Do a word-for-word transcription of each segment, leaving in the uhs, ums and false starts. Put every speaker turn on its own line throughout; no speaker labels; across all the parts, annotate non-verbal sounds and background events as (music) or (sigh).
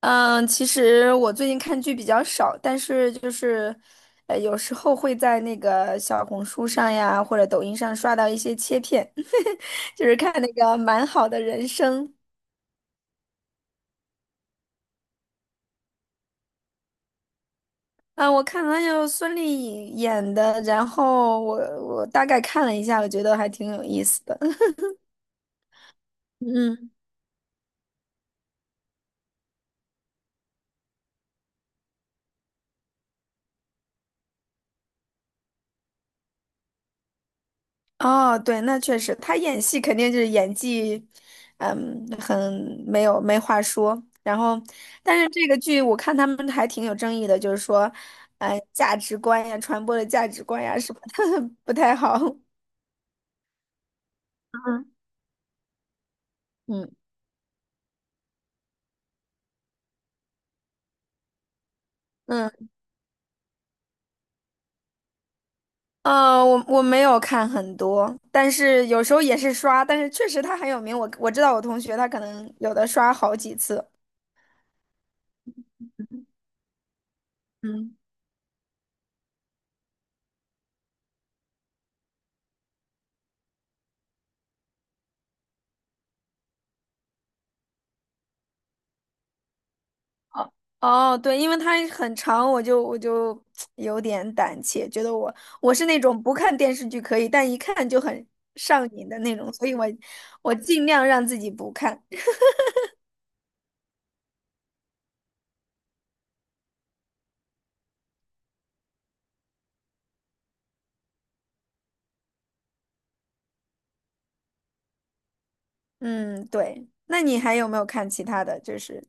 嗯，其实我最近看剧比较少，但是就是，呃，有时候会在那个小红书上呀，或者抖音上刷到一些切片，(laughs) 就是看那个《蛮好的人生》。啊，我看了有孙俪演的，然后我我大概看了一下，我觉得还挺有意思的。(laughs) 嗯。哦，对，那确实，他演戏肯定就是演技，嗯，很没有没话说。然后，但是这个剧我看他们还挺有争议的，就是说，呃，价值观呀，传播的价值观呀什么的 (laughs) 不太好。嗯嗯嗯，呃，我我没有看很多，但是有时候也是刷，但是确实他很有名，我我知道我同学他可能有的刷好几次。嗯。哦哦，对，因为它很长，我就我就有点胆怯，觉得我我是那种不看电视剧可以，但一看就很上瘾的那种，所以我我尽量让自己不看。嗯，对。那你还有没有看其他的？就是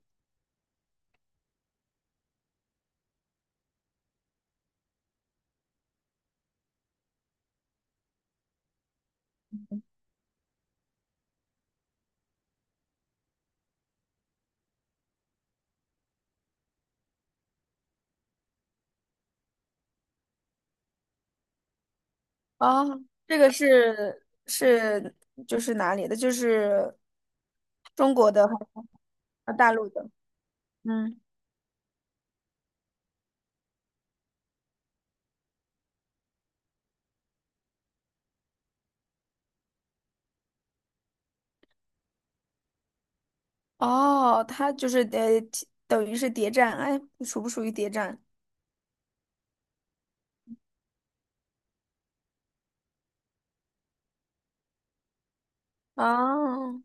哦，这个是是就是哪里的？就是中国的还大陆的？嗯，哦，它就是呃，等于是谍战，哎，属不属于谍战？哦。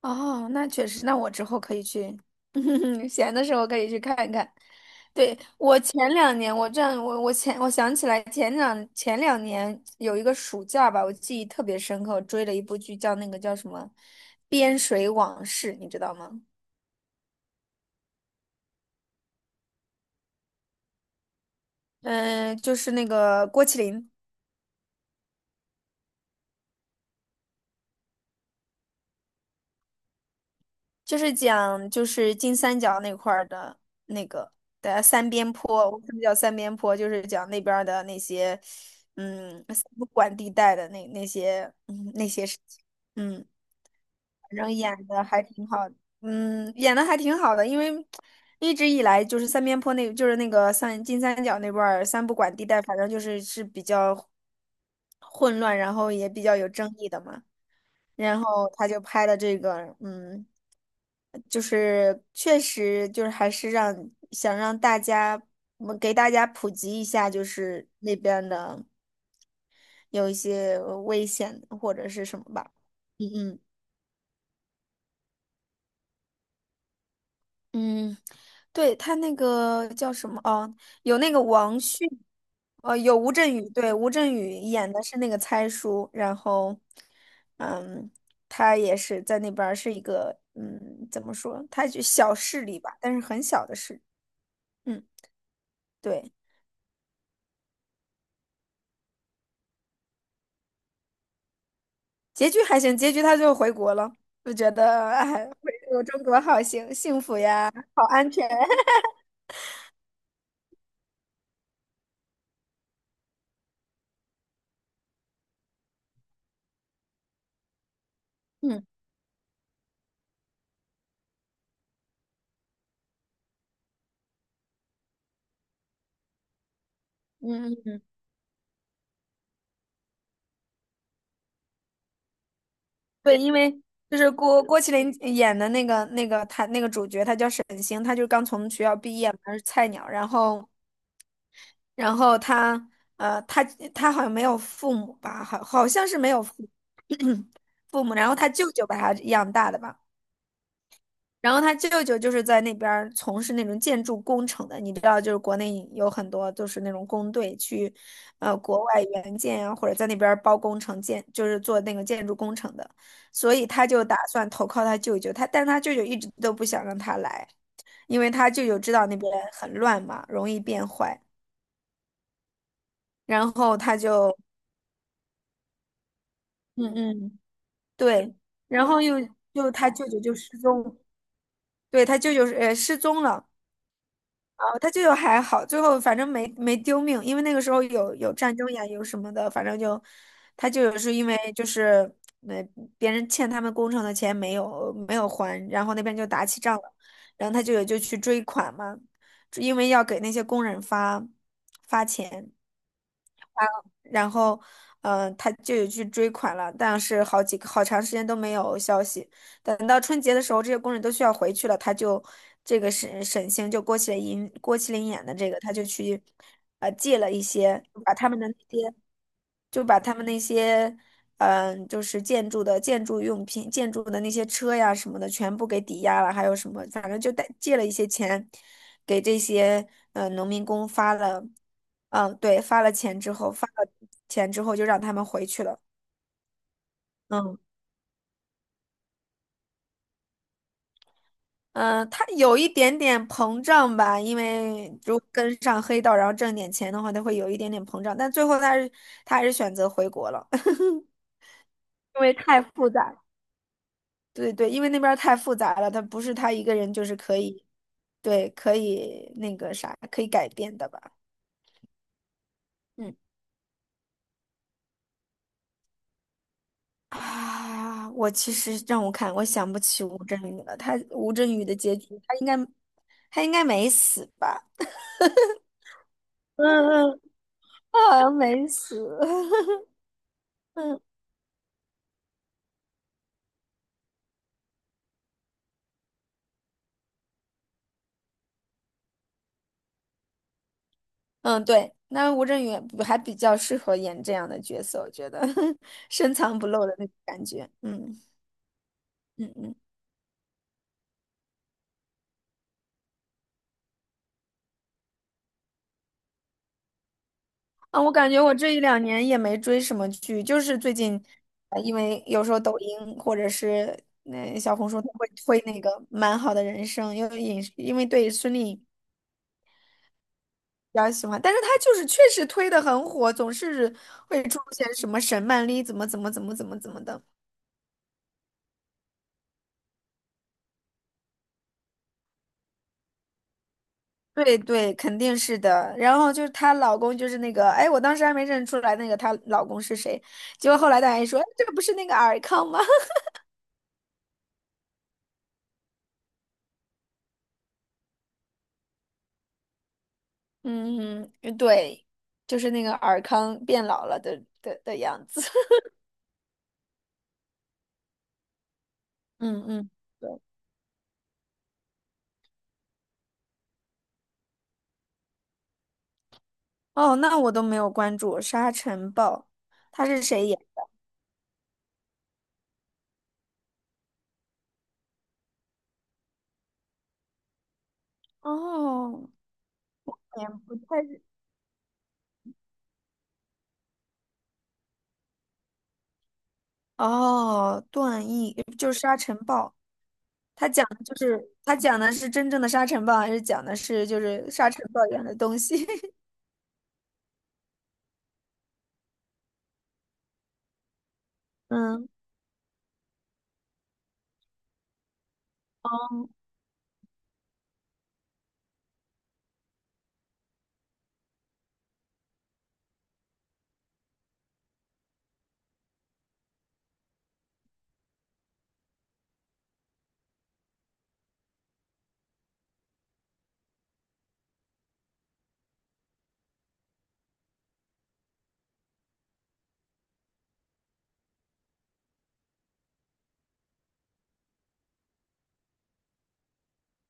哦，那确实，那我之后可以去，(laughs) 闲的时候可以去看一看。对，我前两年，我这样，我我前我想起来前两前两年有一个暑假吧，我记忆特别深刻，我追了一部剧叫那个叫什么《边水往事》，你知道吗？嗯、就是那个郭麒麟。就是讲就是金三角那块儿的那个的三边坡，我们叫三边坡，就是讲那边儿的那些嗯三不管地带的那那些嗯那些事情，嗯，反正演的还挺好的，嗯，演的还挺好的，因为一直以来就是三边坡那，就是那个三金三角那块儿三不管地带，反正就是是比较混乱，然后也比较有争议的嘛。然后他就拍了这个，嗯，就是确实就是还是让想让大家，我们给大家普及一下，就是那边的有一些危险或者是什么吧。嗯嗯。嗯，对，他那个叫什么？哦，有那个王迅，呃，有吴镇宇，对，吴镇宇演的是那个猜叔，然后，嗯，他也是在那边儿是一个，嗯，怎么说？他就小势力吧，但是很小的势力，嗯，对，结局还行，结局他就回国了，就觉得哎，回国中国好幸幸福呀，好安全。(laughs) 嗯嗯嗯。对，因为就是郭郭麒麟演的那个那个他那个主角，他叫沈星，他就刚从学校毕业嘛，他是菜鸟。然后，然后他呃，他他好像没有父母吧，好好像是没有父 (clears throat) 父母。然后他舅舅把他养大的吧。然后他舅舅就是在那边儿从事那种建筑工程的，你知道，就是国内有很多就是那种工队去，呃，国外援建啊，或者在那边儿包工程建，就是做那个建筑工程的，所以他就打算投靠他舅舅，他但是他舅舅一直都不想让他来，因为他舅舅知道那边很乱嘛，容易变坏，然后他就，嗯嗯，对，然后又又他舅舅就失踪，对，他舅舅是呃失踪了。哦他就有还好，最后反正没没丢命，因为那个时候有有战争呀，有什么的，反正就他就是因为就是呃别人欠他们工程的钱没有没有还，然后那边就打起仗了，然后他就有就去追款嘛，因为要给那些工人发发钱。然后，嗯、他就有去追款了，但是好几个好长时间都没有消息。等到春节的时候，这些工人都需要回去了，他就这个沈沈星就郭麒麟郭麒麟演的这个，他就去呃借了一些，把他们的那些。就把他们那些，嗯、就是建筑的建筑用品、建筑的那些车呀什么的，全部给抵押了，还有什么，反正就贷借了一些钱，给这些嗯农民工发了，嗯、对，发了钱之后，发了钱之后就让他们回去了。嗯嗯、他有一点点膨胀吧，因为如果跟上黑道，然后挣点钱的话，他会有一点点膨胀，但最后他是他还是选择回国了，(laughs) 因为太复杂。对对，因为那边儿太复杂了，他不是他一个人就是可以，对，可以那个啥，可以改变的吧？嗯啊，我其实让我看，我想不起吴镇宇了。他吴镇宇的结局，他应该他应该没死吧？嗯嗯，他好像没死。(laughs) 嗯嗯，对，那吴镇宇不还比较适合演这样的角色，我觉得 (laughs) 深藏不露的那种感觉。嗯嗯嗯。啊，我感觉我这一两年也没追什么剧，就是最近，呃，因为有时候抖音或者是那、小红书都会推那个《蛮好的人生》，因为影视因为对孙俪比较喜欢，但是她就是确实推的很火，总是会出现什么沈曼丽怎么怎么怎么怎么怎么的。对对，肯定是的。然后就是她老公，就是那个，哎，我当时还没认出来那个她老公是谁，结果后来大家一说，哎这个不是那个尔康吗？嗯嗯，对，就是那个尔康变老了的的的样子。(laughs) 嗯嗯，哦，那我都没有关注《沙尘暴》，他是谁演？哦，演不太是哦，段奕就是《沙尘暴》，他讲的就是他讲的是真正的沙尘暴，还是讲的是就是沙尘暴一样的东西？(laughs) 嗯，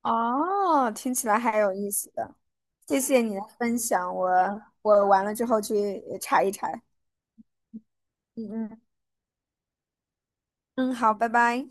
哦，听起来还有意思的，谢谢你的分享，我我完了之后去查一查。嗯嗯嗯，好，拜拜。